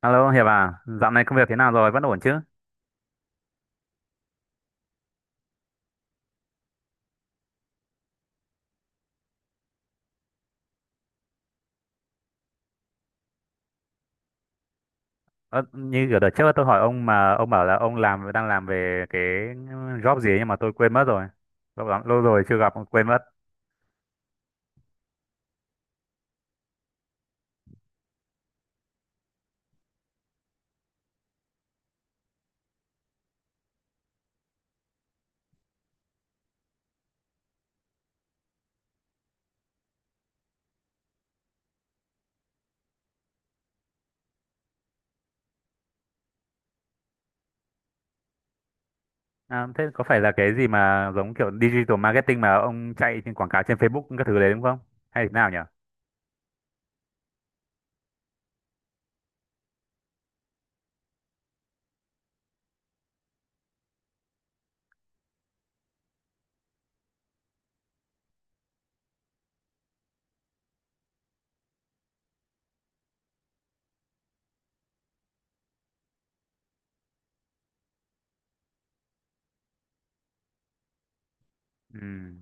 Alo Hiệp à, dạo này công việc thế nào rồi, vẫn ổn chứ? Ờ, như ở đợt trước tôi hỏi ông mà ông bảo là ông đang làm về cái job gì ấy nhưng mà tôi quên mất rồi. Lâu lắm, lâu rồi chưa gặp, quên mất. À, thế có phải là cái gì mà giống kiểu digital marketing mà ông chạy trên quảng cáo trên Facebook các thứ đấy đúng không? Hay thế nào nhỉ? Ừ.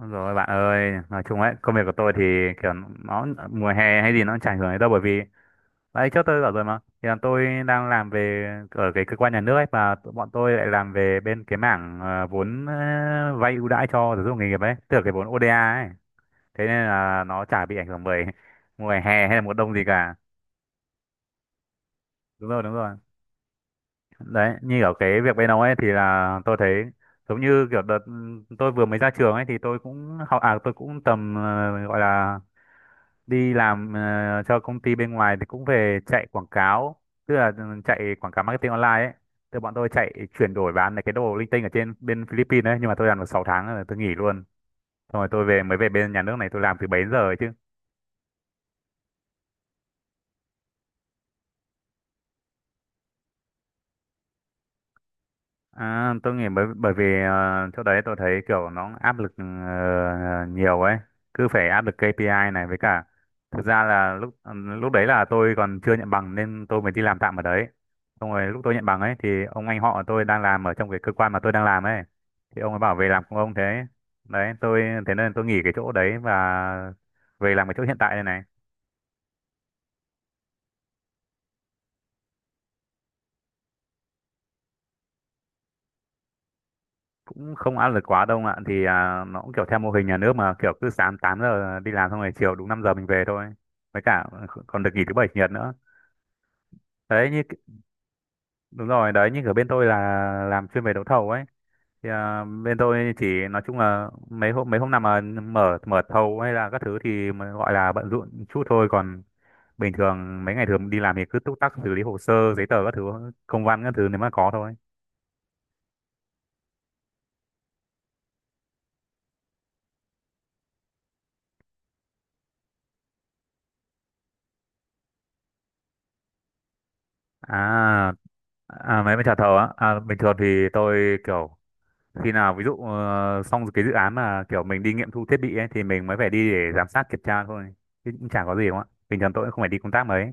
Ôi rồi bạn ơi, nói chung ấy, công việc của tôi thì kiểu nó mùa hè hay gì nó cũng chả ảnh hưởng đến đâu, bởi vì đấy, trước tôi bảo rồi mà. Thì là tôi đang làm về ở cái cơ quan nhà nước ấy, và tụi bọn tôi lại làm về bên cái mảng vốn vay ưu đãi cho giáo dục nghề nghiệp ấy, tức là cái vốn ODA ấy. Thế nên là nó chả bị ảnh hưởng bởi mùa hè hay là mùa đông gì cả. Đúng rồi, đúng rồi. Đấy, như ở cái việc bên ông ấy thì là tôi thấy giống như kiểu đợt tôi vừa mới ra trường ấy, thì tôi cũng học à tôi cũng tầm gọi là đi làm cho công ty bên ngoài thì cũng về chạy quảng cáo, tức là chạy quảng cáo marketing online ấy, tức bọn tôi chạy chuyển đổi bán cái đồ linh tinh ở trên bên Philippines ấy, nhưng mà tôi làm được 6 tháng rồi tôi nghỉ luôn, xong rồi tôi mới về bên nhà nước này tôi làm từ 7 giờ ấy chứ. À, tôi nghĩ bởi bởi vì ờ, chỗ đấy tôi thấy kiểu nó áp lực nhiều ấy, cứ phải áp lực KPI này, với cả thực ra là lúc đấy là tôi còn chưa nhận bằng nên tôi mới đi làm tạm ở đấy. Xong rồi lúc tôi nhận bằng ấy thì ông anh họ tôi đang làm ở trong cái cơ quan mà tôi đang làm ấy. Thì ông ấy bảo về làm cùng ông thế. Đấy, tôi thế nên tôi nghỉ cái chỗ đấy và về làm cái chỗ hiện tại đây này. Cũng không áp lực quá đâu ạ, thì nó cũng kiểu theo mô hình nhà nước mà, kiểu cứ sáng 8 giờ đi làm xong rồi chiều đúng 5 giờ mình về thôi, với cả còn được nghỉ thứ bảy chủ nhật nữa. Đấy, như đúng rồi, đấy, như ở bên tôi là làm chuyên về đấu thầu ấy, thì bên tôi chỉ nói chung là mấy hôm nào mà mở mở thầu hay là các thứ thì mà gọi là bận rộn chút thôi, còn bình thường mấy ngày thường đi làm thì cứ túc tắc xử lý hồ sơ giấy tờ các thứ, công văn các thứ nếu mà có thôi. à À, mấy bên trà thầu á, bình thường thì tôi kiểu khi nào ví dụ xong cái dự án mà kiểu mình đi nghiệm thu thiết bị ấy, thì mình mới phải đi để giám sát kiểm tra thôi, chứ cũng chả có gì đúng không ạ, bình thường tôi cũng không phải đi công tác mấy.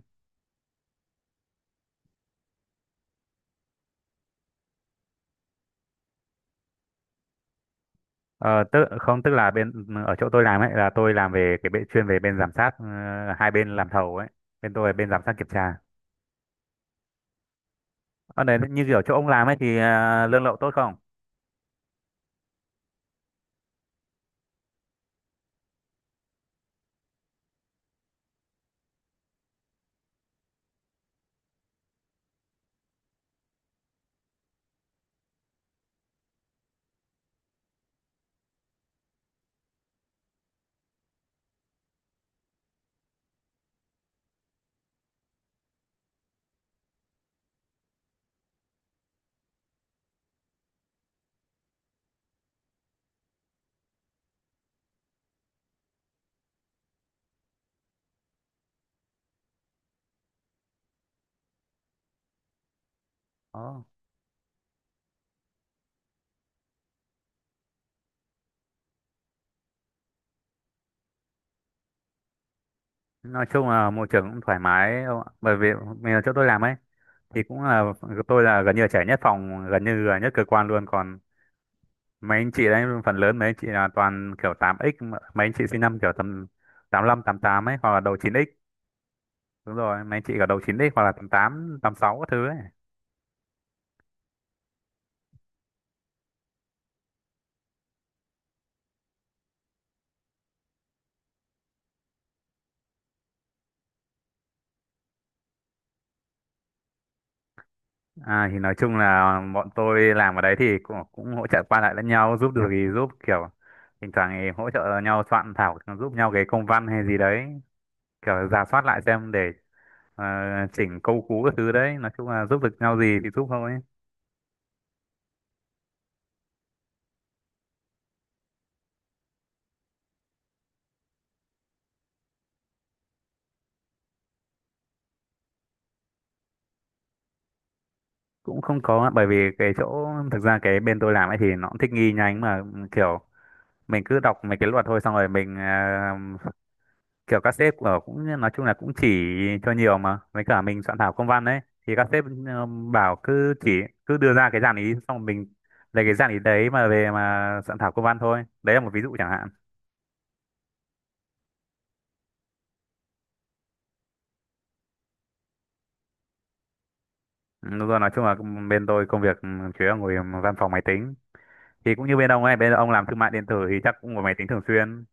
Ờ, tức không tức là bên ở chỗ tôi làm ấy là tôi làm về cái bên chuyên về bên giám sát hai bên làm thầu ấy, bên tôi là bên giám sát kiểm tra. Ở đấy, như kiểu chỗ ông làm ấy thì lương lậu tốt không? Ồ, nói chung là môi trường cũng thoải mái ông ạ. Bởi vì mình ở chỗ tôi làm ấy thì cũng là tôi là gần như là trẻ nhất phòng, gần như là nhất cơ quan luôn, còn mấy anh chị đấy phần lớn mấy anh chị là toàn kiểu tám x mấy anh chị sinh năm kiểu tầm 85, 88 ấy, hoặc là đầu chín x. Đúng rồi, mấy anh chị cả đầu chín x hoặc là 88, 86 các thứ ấy. Thì nói chung là bọn tôi làm ở đấy thì cũng hỗ trợ qua lại lẫn nhau, giúp được thì giúp, kiểu thỉnh thoảng thì hỗ trợ nhau soạn thảo giúp nhau cái công văn hay gì đấy, kiểu rà soát lại xem để ờ, chỉnh câu cú các thứ đấy, nói chung là giúp được nhau gì thì giúp thôi. Cũng không có á, bởi vì cái chỗ thực ra cái bên tôi làm ấy thì nó cũng thích nghi nhanh mà, kiểu mình cứ đọc mấy cái luật thôi, xong rồi mình kiểu các sếp ở cũng nói chung là cũng chỉ cho nhiều mà, với cả mình soạn thảo công văn đấy thì các sếp bảo cứ đưa ra cái dàn ý xong rồi mình lấy cái dàn ý đấy mà về mà soạn thảo công văn thôi, đấy là một ví dụ chẳng hạn. Ừ, đúng rồi, nói chung là bên tôi công việc chủ yếu là ngồi văn phòng máy tính, thì cũng như bên ông ấy, bên ông làm thương mại điện tử thì chắc cũng ngồi máy tính thường xuyên.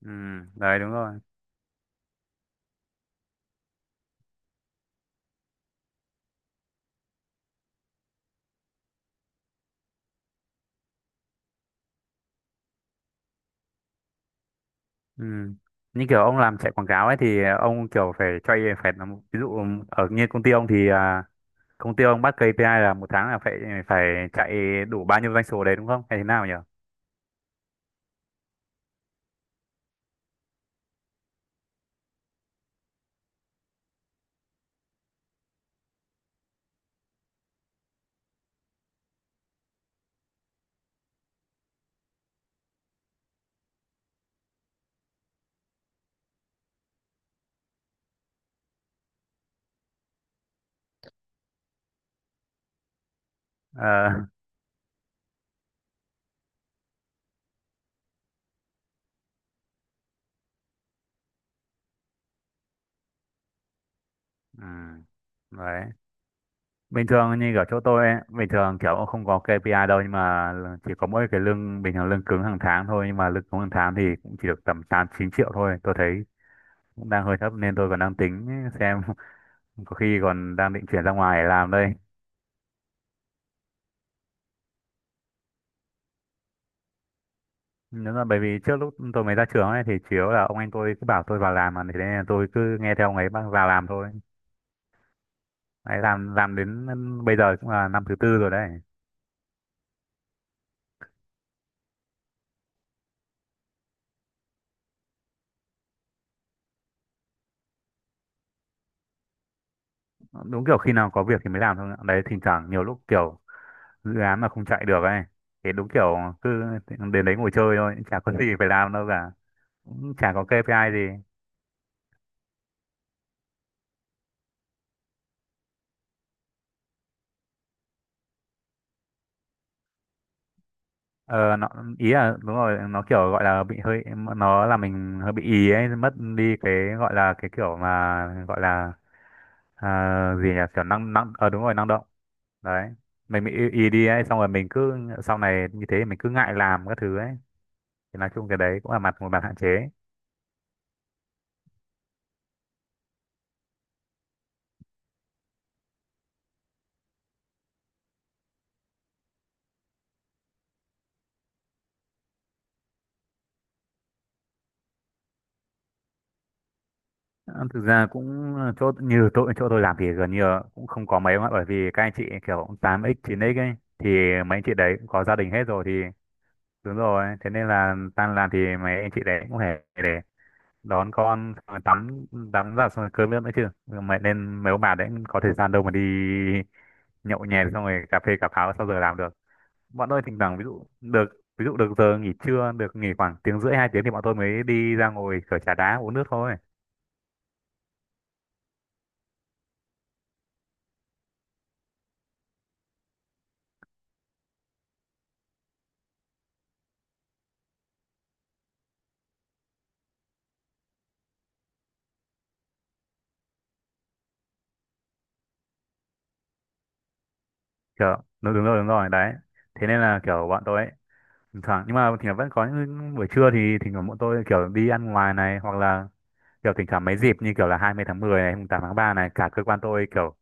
Ừ, đấy đúng rồi. Ừ. Như kiểu ông làm chạy quảng cáo ấy thì ông kiểu ví dụ ở như công ty ông thì công ty ông bắt KPI là một tháng là phải phải chạy đủ bao nhiêu doanh số đấy đúng không? Hay thế nào nhỉ? Ờ, ừ. Đấy. Bình thường như ở chỗ tôi ấy, bình thường kiểu ông không có KPI đâu, nhưng mà chỉ có mỗi cái lương bình thường lương cứng hàng tháng thôi, nhưng mà lương cứng hàng tháng thì cũng chỉ được tầm 8 9 triệu thôi. Tôi thấy cũng đang hơi thấp nên tôi còn đang tính xem có khi còn đang định chuyển ra ngoài để làm đây. Đúng rồi, bởi vì trước lúc tôi mới ra trường ấy thì chủ yếu là ông anh tôi cứ bảo tôi vào làm mà, thế nên là tôi cứ nghe theo ông ấy vào làm thôi. Đấy, làm đến bây giờ cũng là năm thứ tư rồi đấy. Đúng kiểu khi nào có việc thì mới làm thôi. Đấy, thỉnh thoảng nhiều lúc kiểu dự án mà không chạy được ấy. Thì đúng kiểu cứ đến đấy ngồi chơi thôi, chả có gì phải làm đâu cả. Cũng chả có KPI gì. Ờ nó ý là đúng rồi, nó kiểu gọi là bị hơi, nó là mình hơi bị ý ấy, mất đi cái gọi là cái kiểu mà gọi là gì nhỉ, kiểu năng năng đúng rồi, năng động. Đấy, mình bị ý đi ấy, xong rồi mình cứ sau này như thế mình cứ ngại làm các thứ ấy, thì nói chung cái đấy cũng là mặt một mặt hạn chế. Ờ, thực ra cũng chỗ như tôi chỗ tôi làm thì gần như là cũng không có mấy, mà bởi vì các anh chị kiểu tám x chín x ấy thì mấy anh chị đấy cũng có gia đình hết rồi thì đúng rồi, thế nên là tan làm thì mấy anh chị đấy cũng phải để đón con xong rồi tắm tắm giặt xong rồi cơm nước nữa chứ mẹ, nên mấy ông bà đấy có thời gian đâu mà đi nhậu nhẹt xong rồi cà phê cà pháo sau giờ làm được. Bọn tôi thỉnh thoảng ví dụ được giờ nghỉ trưa được nghỉ khoảng tiếng rưỡi hai tiếng thì bọn tôi mới đi ra ngồi kiểu trà đá uống nước thôi. Kiểu đúng, đúng rồi, đúng rồi đấy, thế nên là kiểu bọn tôi ấy, thỉnh thoảng, nhưng mà thỉnh thoảng vẫn có những buổi trưa thì thỉnh thoảng bọn tôi kiểu đi ăn ngoài này, hoặc là kiểu thỉnh thoảng mấy dịp như kiểu là 20 tháng 10 này, mùng 8 tháng 3 này, cả cơ quan tôi kiểu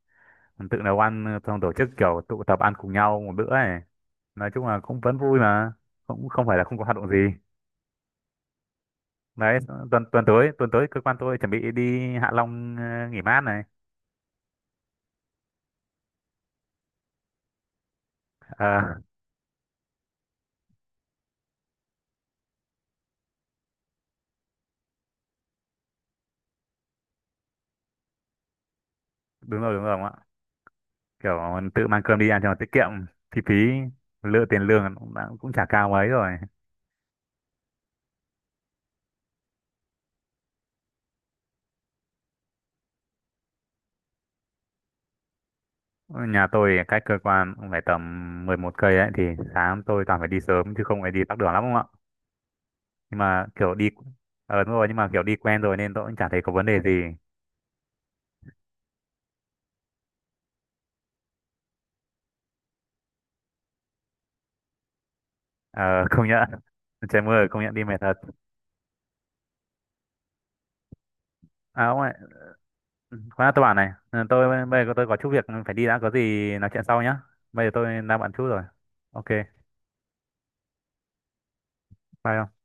tự nấu ăn xong tổ chức kiểu tụ tập ăn cùng nhau một bữa ấy. Nói chung là cũng vẫn vui mà, cũng không phải là không có hoạt động gì. Đấy, tuần tuần tới cơ quan tôi chuẩn bị đi Hạ Long nghỉ mát này. Ờ, đúng rồi ông ạ. Kiểu tự mang cơm đi ăn cho nó tiết kiệm, chi phí lựa tiền lương cũng, cũng chả cao mấy rồi. Ở Nhà tôi cách cơ quan cũng phải tầm 11 cây ấy, thì sáng tôi toàn phải đi sớm chứ không phải đi tắc đường lắm không ạ. Nhưng mà kiểu đi đúng rồi, nhưng mà kiểu đi quen rồi nên tôi cũng chả thấy có vấn đề gì. Ờ công nhận trời mưa công nhận đi mệt thật. À ông ơi, khoan đã, tôi bảo này, bây giờ tôi có chút việc phải đi đã, có gì nói chuyện sau nhá. Bây giờ tôi đang bận chút rồi. Ok, bye ông.